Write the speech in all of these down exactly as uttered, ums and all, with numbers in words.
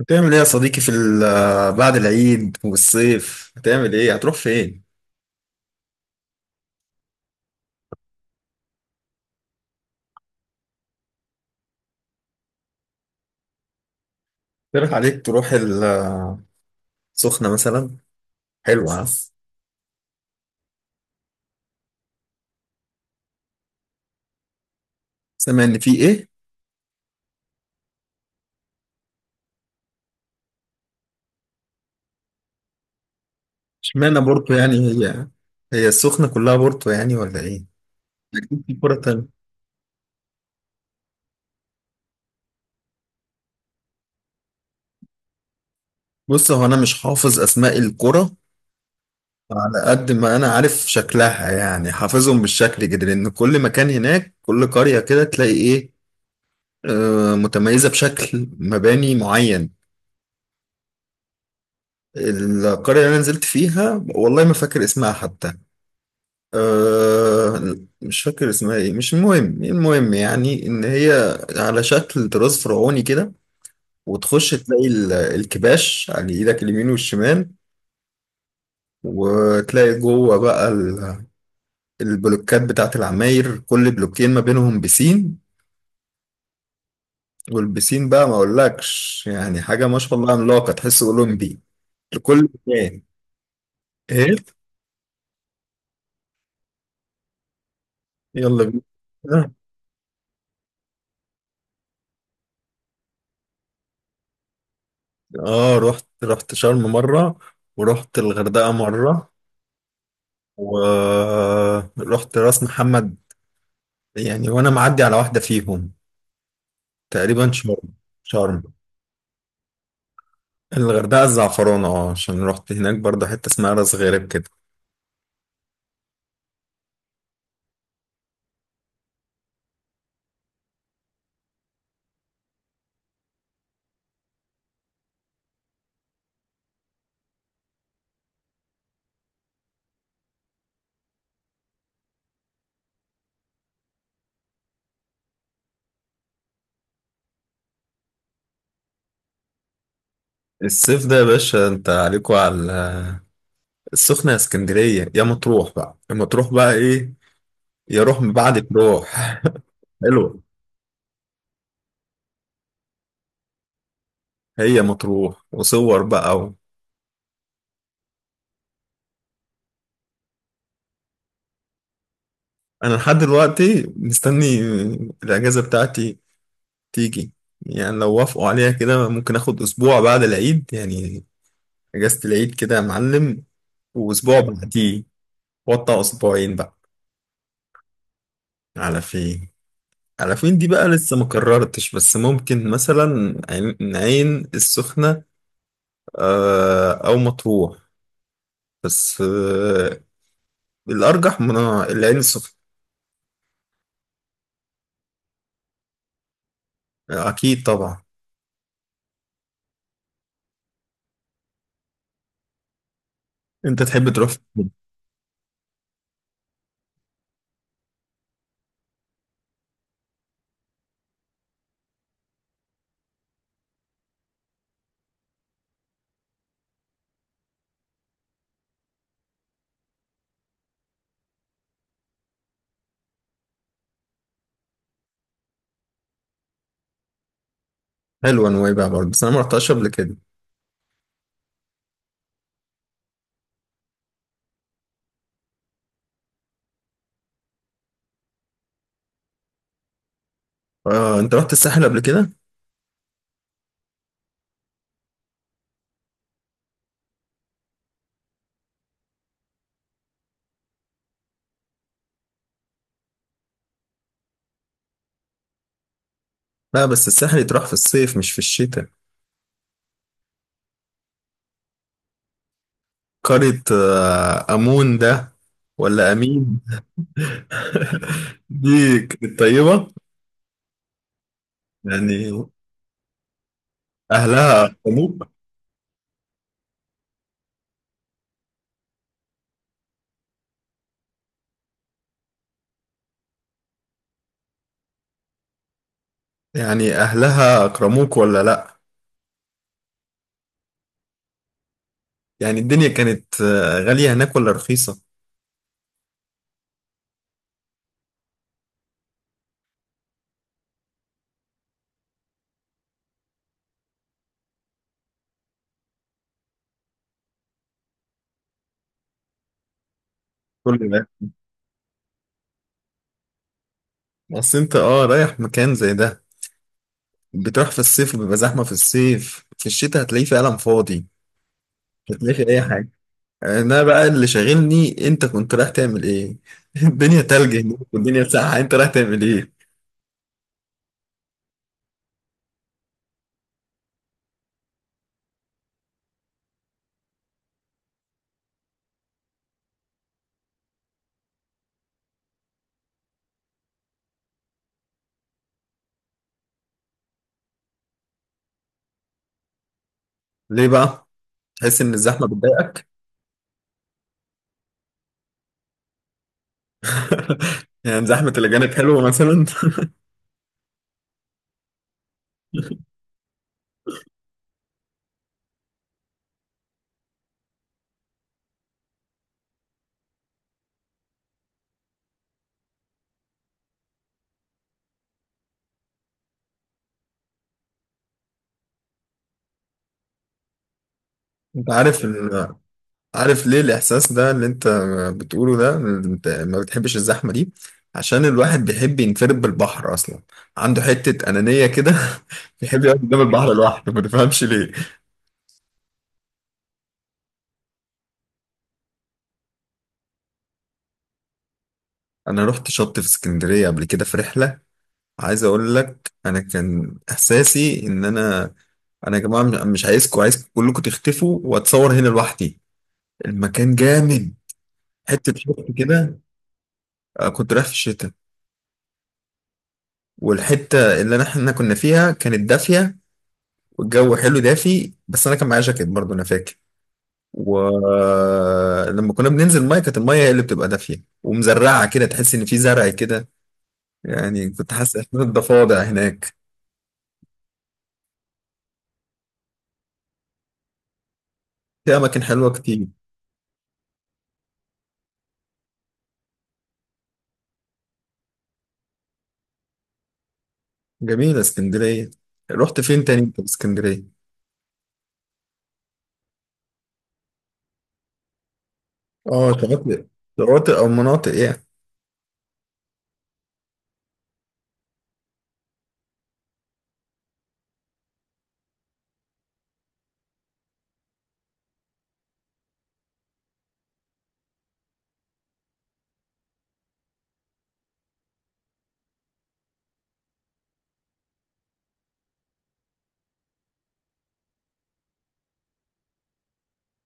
هتعمل ايه يا صديقي في ال- آه، بعد العيد والصيف هتعمل ايه؟ هتروح فين؟ تروح عليك، تروح ال- السخنة مثلا. حلوة، ها؟ سامع ان في ايه؟ اشمعنى بورتو يعني؟ هي هي السخنة كلها بورتو يعني ولا ايه؟ في كرة تانية. بص، هو انا مش حافظ اسماء الكرة، على قد ما انا عارف شكلها، يعني حافظهم بالشكل كده، لان كل مكان هناك كل قرية كده تلاقي ايه، آه، متميزة بشكل مباني معين. القرية اللي أنا نزلت فيها والله ما فاكر اسمها حتى. أه مش فاكر اسمها ايه، مش المهم، المهم يعني ان هي على شكل طراز فرعوني كده. وتخش تلاقي ال- الكباش على ايدك اليمين والشمال. وتلاقي جوه بقى ال- البلوكات بتاعت العماير، كل بلوكين ما بينهم بسين. والبسين بقى ما اقولكش يعني حاجة، ما شاء الله، عملاقة تحسه أولمبي لكل مكان. ايه، يلا بينا. اه، رحت رحت شرم مرة، ورحت الغردقة مرة، ورحت راس محمد، يعني. وانا معدي على واحدة فيهم تقريبا، شرم. شرم، الغردقة، الزعفرانة، اه عشان رحت هناك برضه حتة اسمها راس غارب كده. الصيف ده يا باشا انت عليكوا على السخنة، يا اسكندرية، يا مطروح بقى، يا مطروح بقى ايه، يا روح من بعدك روح. حلوة. هي مطروح وصور بقى و انا لحد دلوقتي مستني الاجازة بتاعتي تيجي. يعني لو وافقوا عليها كده ممكن اخد اسبوع بعد العيد يعني، اجازة العيد كده يا معلم، واسبوع بعديه. وطى اسبوعين بقى. على فين؟ على فين دي بقى لسه ما قررتش. بس ممكن مثلا عين عين السخنة، آه، او مطروح. بس آه، الارجح من العين السخنة. اكيد طبعا. انت تحب تروح فين؟ حلوة نويبع برضه، بس انا ما رحتهاش قبل كده. آه، انت رحت الساحل قبل كده؟ لا، بس الساحل يتروح في الصيف مش في الشتاء. قارة آه، أمون ده ولا أمين؟ دي كانت طيبة. يعني أهلها أكرموك؟ يعني أهلها أكرموك ولا لأ؟ يعني الدنيا كانت آه، غالية هناك ولا رخيصة؟ كل ده، بس أنت أه رايح مكان زي ده، بتروح في الصيف بيبقى زحمة في الصيف، في الشتاء هتلاقيه فعلا فاضي، مش هتلاقي فيه أي حاجة. أنا بقى اللي شاغلني أنت كنت رايح تعمل إيه. الدنيا تلج هناك والدنيا ساقعة، أنت رايح تعمل إيه؟ ليه بقى؟ تحس ان الزحمه بتضايقك؟ يعني زحمه الاجانب حلوه مثلا؟ انت عارف ان عارف ليه الاحساس ده اللي انت بتقوله ده؟ انت ما بتحبش الزحمه دي عشان الواحد بيحب ينفرد بالبحر اصلا، عنده حته انانيه كده، بيحب يقعد قدام البحر لوحده، ما تفهمش ليه. انا رحت شط في اسكندريه قبل كده في رحله، عايز اقول لك انا كان احساسي ان انا انا يا جماعه مش عايزكم، عايزكم كلكم تختفوا واتصور هنا لوحدي، المكان جامد. حته شط كده، آه، كنت رايح في الشتاء. والحتة اللي أنا- احنا كنا فيها كانت دافية، والجو حلو دافي. بس أنا كان معايا جاكيت برضه، أنا فاكر. ولما كنا بننزل مية كانت المية هي اللي بتبقى دافية ومزرعة كده، تحس إن في زرع كده. يعني كنت حاسس إحساس الضفادع هناك. في أماكن حلوة كتير، جميلة اسكندرية. رحت فين تاني أنت في اسكندرية؟ اه، شواطئ. شواطئ أو مناطق يعني.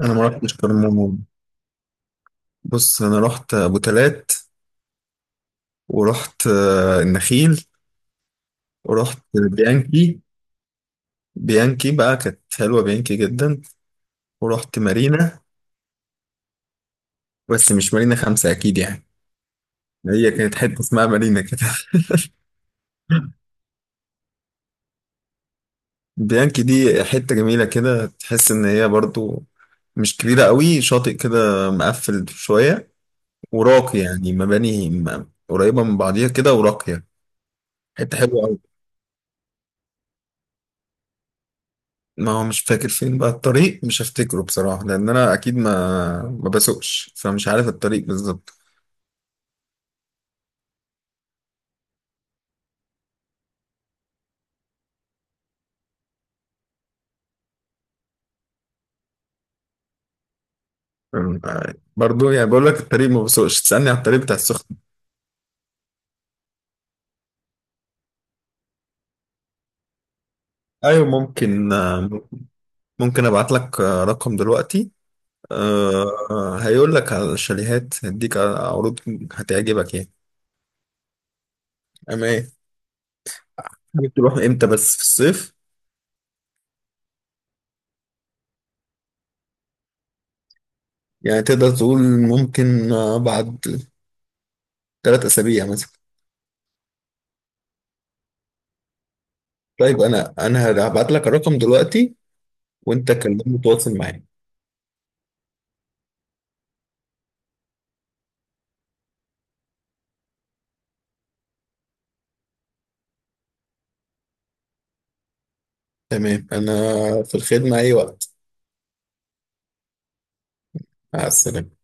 أنا ما رحتش كرمومون. بص أنا رحت أبو تلات، ورحت آه، النخيل، ورحت بيانكي. بيانكي بقى كانت حلوة، بيانكي جدا. ورحت مارينا، بس مش مارينا خمسة أكيد يعني، هي كانت حتة اسمها مارينا كده. بيانكي دي حتة جميلة كده، تحس إن هي برضو مش كبيرة قوي، شاطئ كده مقفل شوية، وراقي، يعني مباني م- قريبة من بعضيها كده وراقية. حتة حلوة قوي. ما هو مش فاكر فين بقى الطريق، مش هفتكره بصراحة، لأن أنا أكيد ما ما بسوقش، فمش عارف الطريق بالظبط. أم- آه، برضو، يعني بقول لك الطريق ما بسوقش تسألني على الطريق بتاع السخنة. ايوه، ممكن آه، ممكن ابعت لك آه، رقم دلوقتي. آه، آه، هيقول لك على الشاليهات، هديك عروض هتعجبك يعني. اما ايه. حابب تروح امتى بس في الصيف؟ يعني تقدر تقول ممكن آه، بعد ثلاث اسابيع مثلا. طيب انا، انا هبعت لك الرقم دلوقتي وانت كلمني تواصل معايا. تمام، انا في الخدمة اي وقت. مع السلامة.